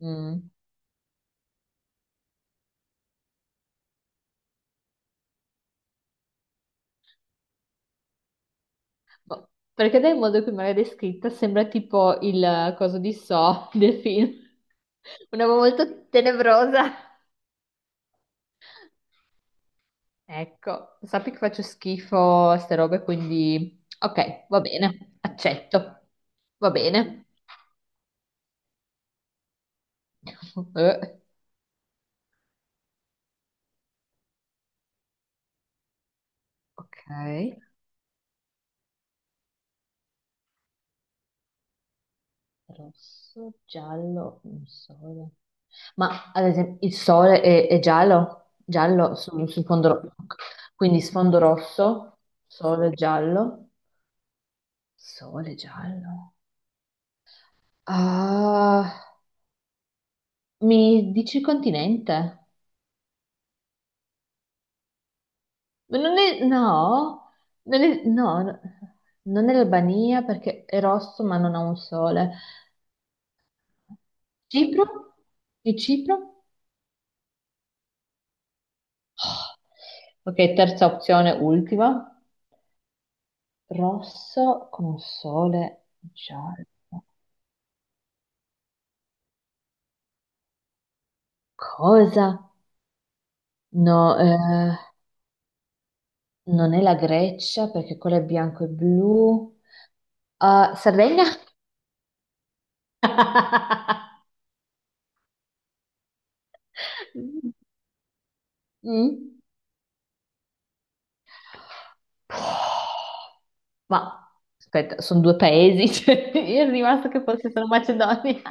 Mm. Boh. Perché dal modo in cui me l'hai descritta sembra tipo il coso di So del film. Una roba molto tenebrosa. Ecco, sappi che faccio schifo a ste robe, quindi ok, va bene, accetto. Va bene. Eh, ok. Rosso, giallo, un sole. Ma ad esempio il sole è giallo, giallo su fondo rosso, quindi sfondo rosso, sole giallo. Sole giallo. Ah, mi dici continente? Ma Non è, no, non è, no, no, non è l'Albania perché è rosso ma non ha un sole. Cipro? Di Cipro? Ok, terza opzione, ultima. Rosso con sole giallo. Cosa? No, non è la Grecia perché quello è bianco e blu. Ah, Sardegna? Mm? Ma aspetta, sono due paesi, cioè, io ero rimasto che fosse solo Macedonia,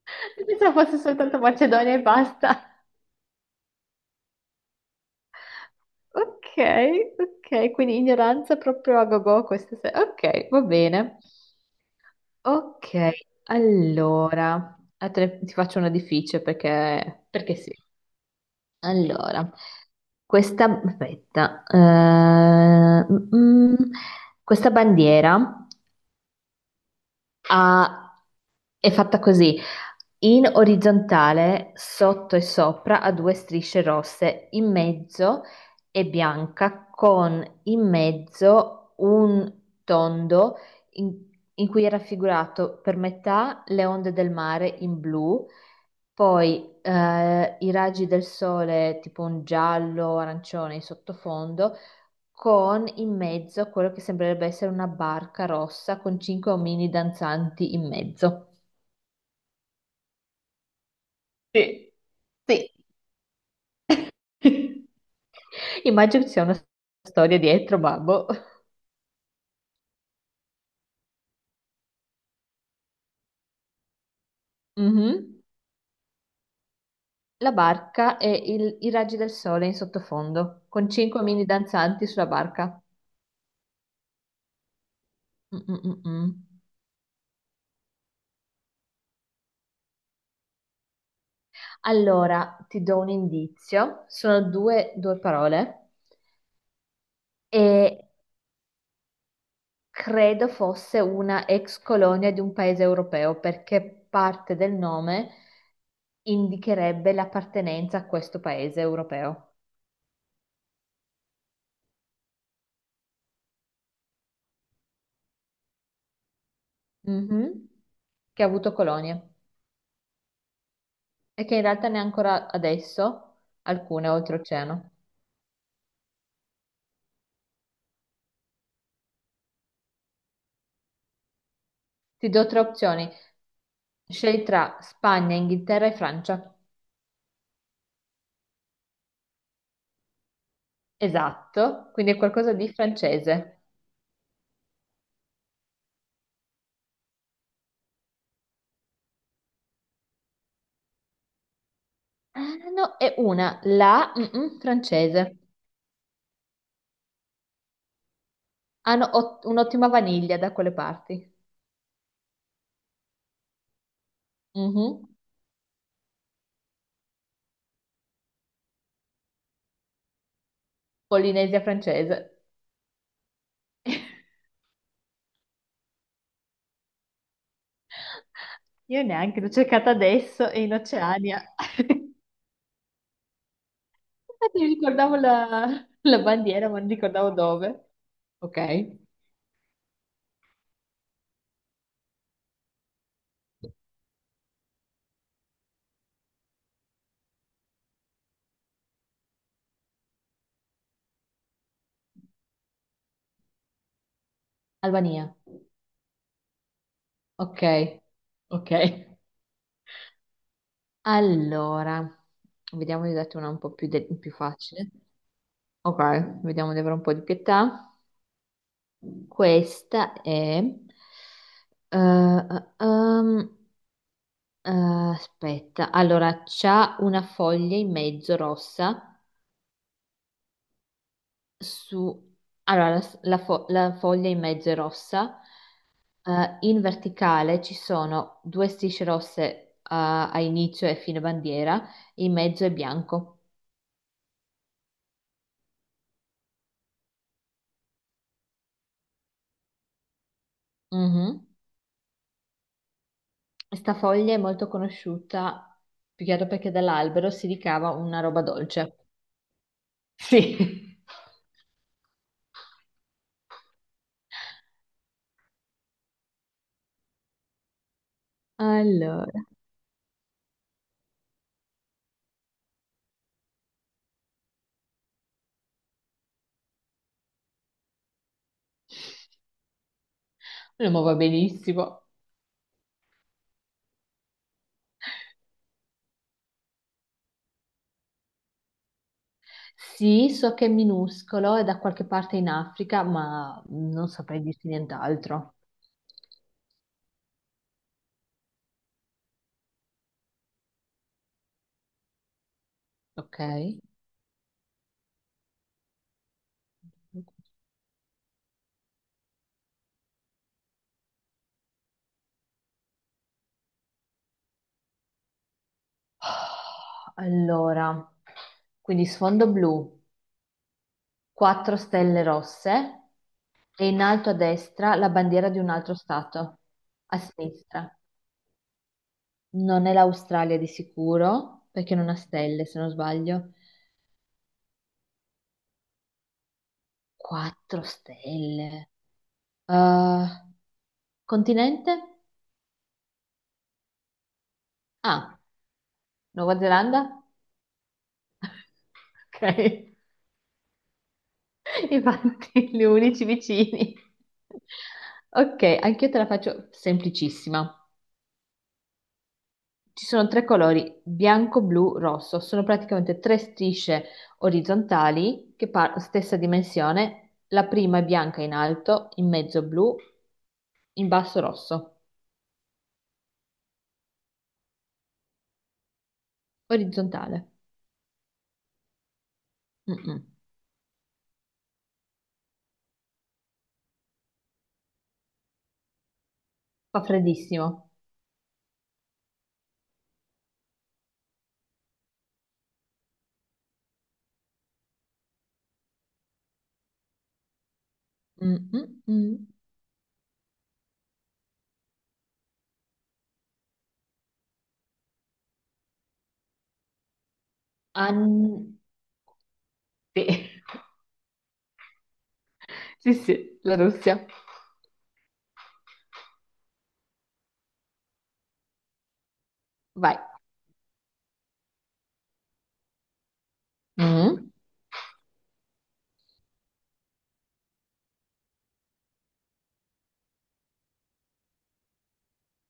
io pensavo fosse soltanto Macedonia e basta. Ok, ok, quindi ignoranza proprio a gogo questa sera. Ok, va bene. Ok, allora, ti faccio una difficile perché, perché sì. Allora, questa, aspetta, mm, mm, questa bandiera ha è fatta così, in orizzontale, sotto e sopra, ha due strisce rosse, in mezzo è bianca con in mezzo un tondo in, in cui è raffigurato per metà le onde del mare in blu, poi i raggi del sole tipo un giallo, arancione in sottofondo, con in mezzo quello che sembrerebbe essere una barca rossa con cinque omini danzanti in mezzo. Sì. Sì. Immagino che ci sia una storia dietro, babbo. Mhm. La barca e i raggi del sole in sottofondo, con cinque mini danzanti sulla barca. Mm, mm, mm, mm. Allora, ti do un indizio. Sono due parole e credo fosse una ex colonia di un paese europeo perché parte del nome indicherebbe l'appartenenza a questo paese europeo. Mhm. Che ha avuto colonie. E che in realtà ne ha ancora adesso alcune oltreoceano. Ti do tre opzioni. Scegli tra Spagna, Inghilterra e Francia. Esatto, quindi è qualcosa di francese. Ah, no, è una, la francese. Un'ottima vaniglia da quelle parti. Mhm. Polinesia francese. Io neanche, l'ho cercata adesso e in Oceania. Infatti mi ricordavo la bandiera, ma non ricordavo dove. Ok. Albania. Ok, ok. Allora, vediamo di darti una un po' più, più facile. Ok, vediamo di avere un po' di pietà. Questa è... eh, ehm, eh, aspetta, allora, c'ha una foglia in mezzo rossa su... Allora, la foglia in mezzo è rossa. Eh, in verticale ci sono due strisce rosse, a inizio e fine bandiera, in mezzo è bianco. Mhm. Sta foglia è molto conosciuta, più che altro perché dall'albero si ricava una roba dolce. Sì. Allora, lo muovo benissimo. Sì, so che è minuscolo, è da qualche parte in Africa, ma non saprei dirti nient'altro. Ok? Allora, quindi sfondo blu, quattro stelle rosse e in alto a destra la bandiera di un altro stato, a sinistra. Non è l'Australia di sicuro, perché non ha stelle, se non sbaglio. Quattro stelle. Ah, continente? Ah, Nuova Zelanda? Ok, infatti gli unici vicini. Ok, anche io te la faccio semplicissima. Ci sono tre colori, bianco, blu, rosso. Sono praticamente tre strisce orizzontali che stessa dimensione. La prima è bianca in alto, in mezzo blu, in basso rosso. Orizzontale. Mm-mm. Fa freddissimo. Mm-mm-mm. An- Sì. Sì, sì, la Russia. Vai. Mm,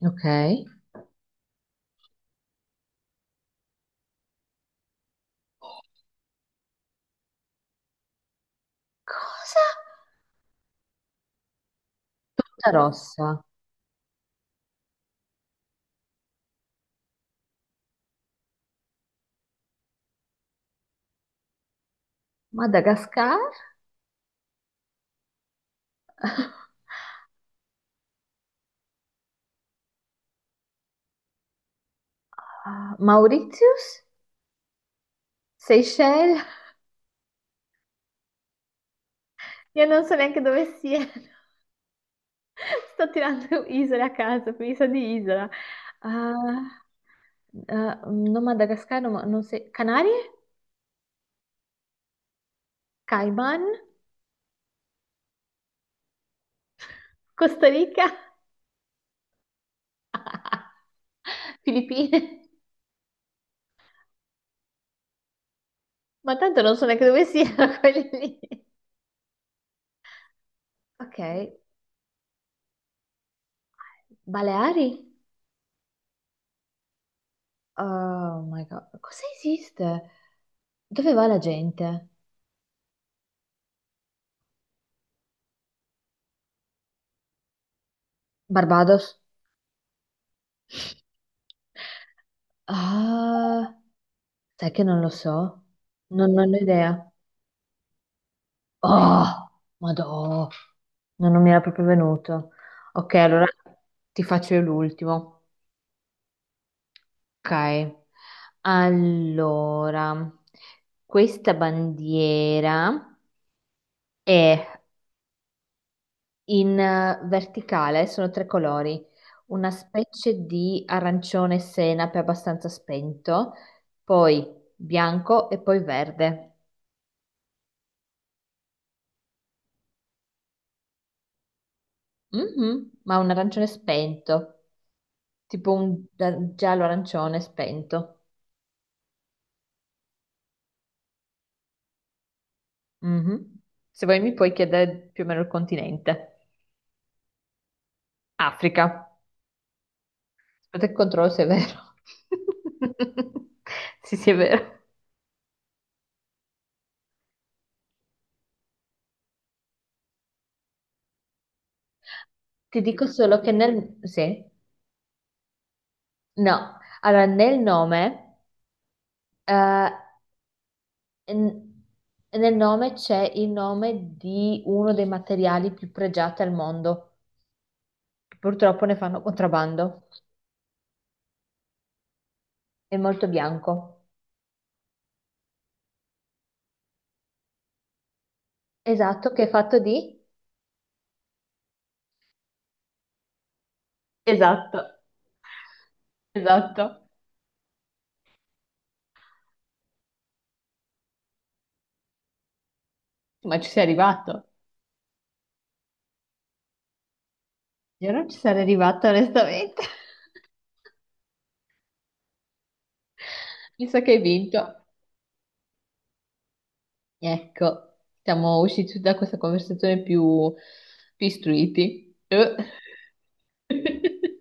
ok. Cosa? Tutta rossa. Madagascar? Ah, Mauritius? Seychelles? Io non so neanche dove siano. Sto tirando isole a caso, quindi so di isola. Ah, ah, non Madagascar, no, ma- non so. Canarie? Cayman? Costa Rica? Filippine? Ma tanto non so neanche dove siano quelli lì. Ok, Baleari? Oh my God, cosa esiste? Dove va la gente? Barbados? Ah. Sai che non lo so? Non ho idea. Oh, madò, no, non mi era proprio venuto. Ok, allora ti faccio io l'ultimo. Ok, allora, questa bandiera è in verticale, sono tre colori, una specie di arancione senape abbastanza spento, poi bianco e poi verde. Mhm, ma un arancione spento. Tipo un giallo arancione spento. Mhm. Se vuoi mi puoi chiedere più o meno il continente. Africa. Aspetta che controllo se è vero. Sì, sì, è vero. Ti dico solo che nel... Sì? No. Allora, nel nome... eh, n- nel nome c'è il nome di uno dei materiali più pregiati al mondo. Che purtroppo ne fanno contrabbando. È molto bianco. Esatto, che è fatto di... Esatto, esatto. Ma ci sei arrivato. Io non ci sarei arrivata onestamente. Mi sa che hai vinto. Ecco, siamo usciti da questa conversazione più, più istruiti.